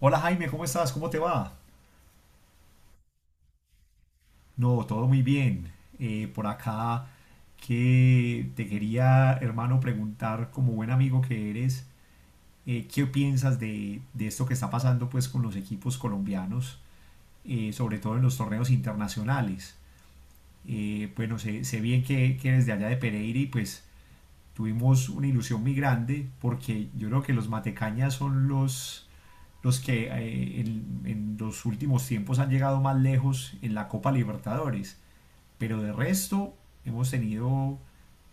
Hola Jaime, ¿cómo estás? ¿Cómo te va? No, todo muy bien. Por acá que te quería, hermano, preguntar como buen amigo que eres, ¿qué piensas de esto que está pasando pues con los equipos colombianos, sobre todo en los torneos internacionales? Sé bien que eres de allá de Pereira y pues tuvimos una ilusión muy grande porque yo creo que los matecañas son los que en los últimos tiempos han llegado más lejos en la Copa Libertadores. Pero de resto, hemos tenido,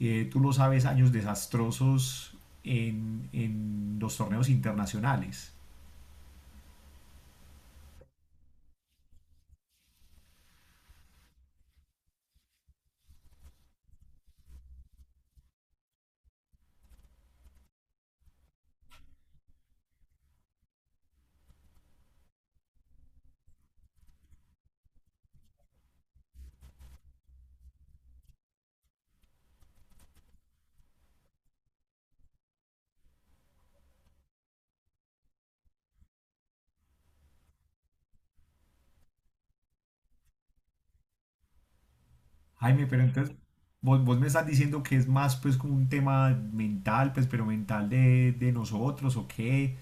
tú lo sabes, años desastrosos en los torneos internacionales. Jaime, pero entonces vos me estás diciendo que es más pues como un tema mental, pues pero mental de nosotros o qué,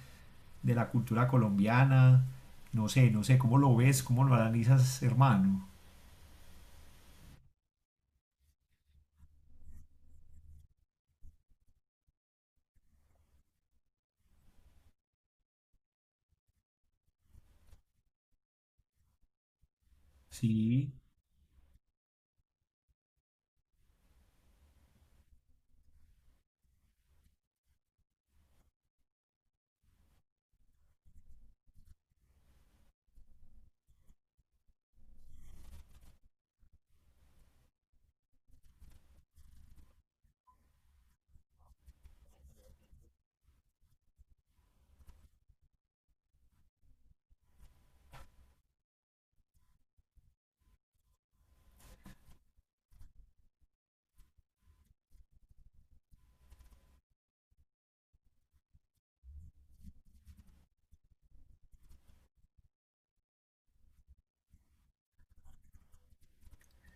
de la cultura colombiana, no sé, no sé, ¿cómo lo ves? ¿Cómo lo analizas, hermano? Sí.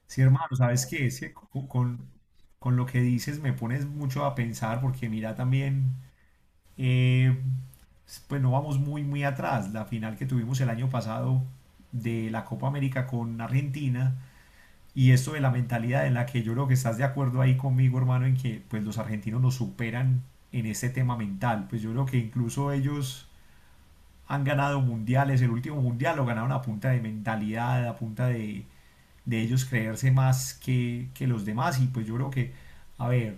Sí, hermano, ¿sabes qué? Es que con lo que dices me pones mucho a pensar porque mira también, eh, no vamos muy, muy atrás. La final que tuvimos el año pasado de la Copa América con Argentina y esto de la mentalidad en la que yo creo que estás de acuerdo ahí conmigo, hermano, en que pues los argentinos nos superan en este tema mental. Pues yo creo que incluso ellos han ganado mundiales. El último mundial lo ganaron a punta de mentalidad, a punta de ellos creerse más que los demás. Y pues yo creo que, a ver,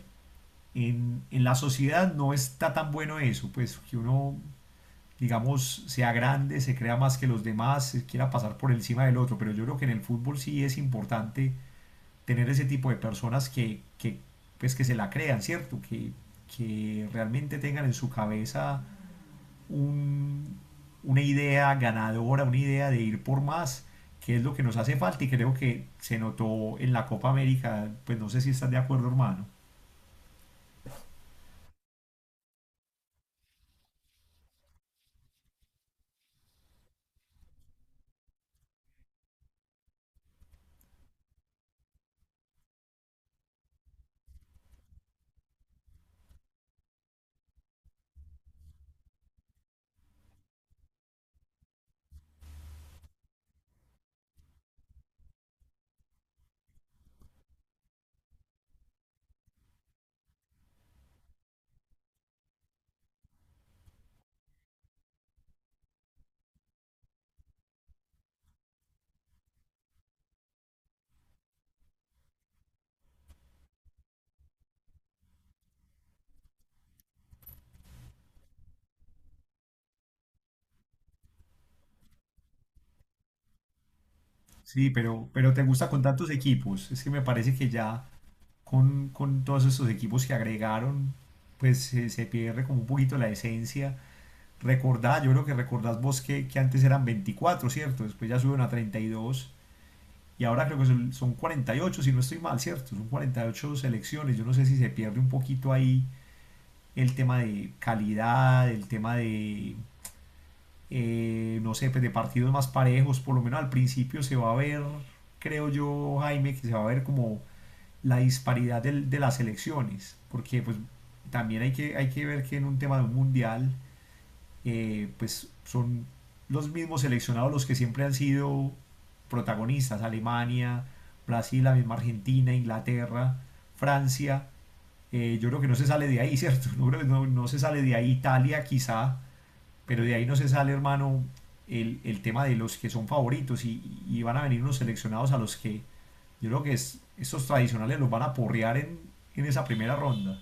en la sociedad no está tan bueno eso, pues que uno, digamos, sea grande, se crea más que los demás, se quiera pasar por encima del otro. Pero yo creo que en el fútbol sí es importante tener ese tipo de personas que pues que se la crean, ¿cierto? Que realmente tengan en su cabeza un, una idea ganadora, una idea de ir por más, que es lo que nos hace falta y creo que se notó en la Copa América, pues no sé si estás de acuerdo, hermano. Sí, pero te gusta con tantos equipos, es que me parece que ya con todos estos equipos que agregaron, pues se pierde como un poquito la esencia. Recordá, yo creo que recordás vos que antes eran 24, ¿cierto? Después ya suben a 32. Y ahora creo que son, son 48, si no estoy mal, ¿cierto? Son 48 selecciones. Yo no sé si se pierde un poquito ahí el tema de calidad, el tema de, no sé, pues de partidos más parejos. Por lo menos al principio se va a ver, creo yo, Jaime, que se va a ver como la disparidad de las selecciones. Porque pues también hay que ver que en un tema de un mundial pues son los mismos seleccionados los que siempre han sido protagonistas, Alemania, Brasil, la misma Argentina, Inglaterra, Francia, yo creo que no se sale de ahí, ¿cierto? No, no, no se sale de ahí, Italia quizá, pero de ahí no se sale, hermano, el tema de los que son favoritos y van a venir unos seleccionados a los que yo creo que es, estos tradicionales los van a porrear en esa primera ronda.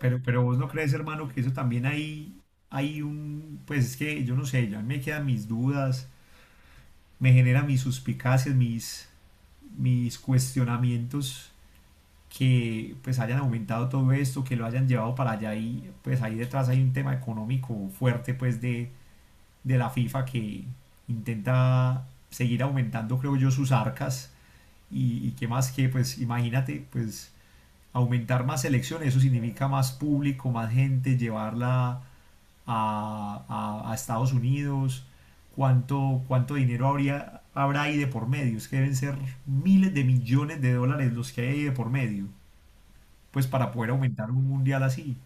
Pero vos no crees, hermano, que eso también hay un, pues es que yo no sé, ya me quedan mis dudas, me genera mis suspicacias, mis, mis cuestionamientos que pues hayan aumentado todo esto, que lo hayan llevado para allá y pues ahí detrás hay un tema económico fuerte pues de la FIFA que intenta seguir aumentando, creo yo, sus arcas y qué más que pues imagínate, pues aumentar más elecciones, eso significa más público, más gente, llevarla a Estados Unidos, cuánto, cuánto dinero habría, habrá ahí de por medio, es que deben ser miles de millones de dólares los que hay ahí de por medio, pues para poder aumentar un mundial así.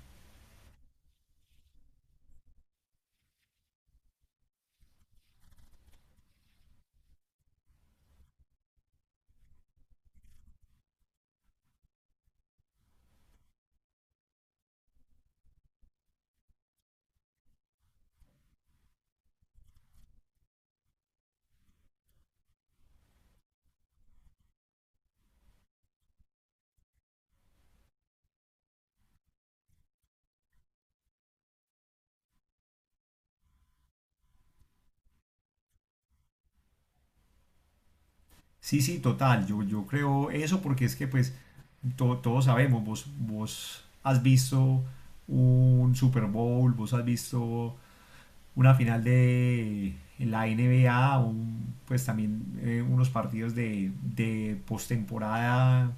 Sí, sí, total, yo creo eso porque es que pues todos sabemos, vos, vos has visto un Super Bowl, vos has visto una final de la N NBA, un- pues también unos partidos de postemporada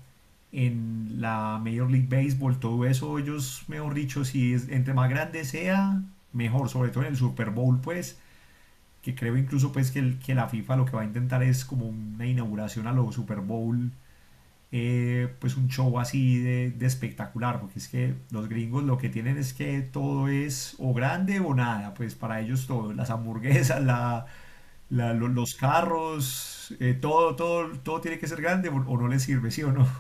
en la Major League Baseball, todo eso, ellos, mejor dicho, si es, entre más grande sea, mejor, sobre todo en el Super Bowl, pues, que creo incluso pues que la FIFA lo que va a intentar es como una inauguración a los Super Bowl pues un show así de espectacular, porque es que los gringos lo que tienen es que todo es o grande o nada, pues para ellos todo, las hamburguesas, los carros, todo, todo, todo tiene que ser grande o no les sirve, ¿sí o no?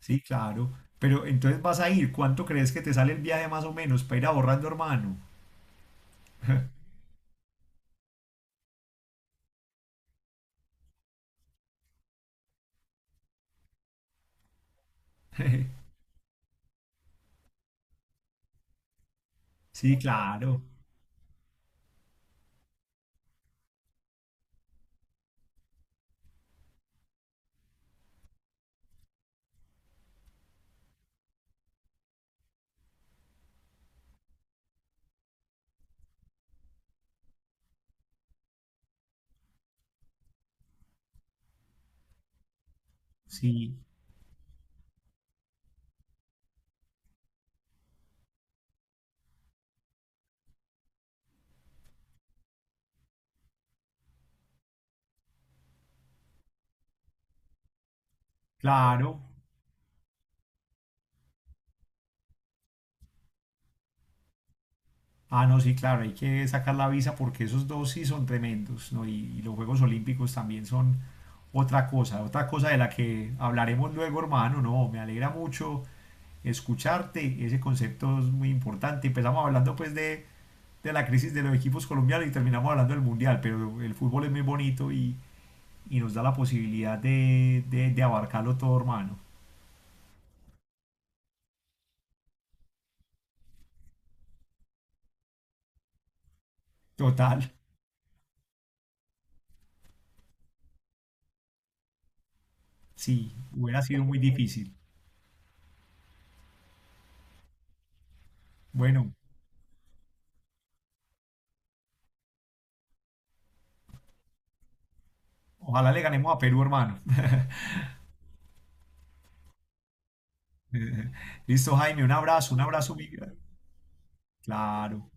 Sí, claro. Pero entonces vas a ir, ¿cuánto crees que te sale el viaje más o menos para ir ahorrando, hermano? Sí, claro. Sí, claro. Ah, no, sí, claro, hay que sacar la visa porque esos dos sí son tremendos, ¿no? Y los Juegos Olímpicos también son otra cosa de la que hablaremos luego, hermano, ¿no? Me alegra mucho escucharte, ese concepto es muy importante. Empezamos hablando pues de la crisis de los equipos colombianos y terminamos hablando del Mundial, pero el fútbol es muy bonito y nos da la posibilidad de abarcarlo todo, hermano. Total, sí, hubiera sido muy difícil. Bueno, ojalá le ganemos a Perú, hermano. Listo, Jaime, un abrazo muy grande. Claro.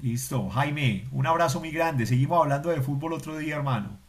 Listo, Jaime, un abrazo muy grande. Seguimos hablando de fútbol otro día, hermano.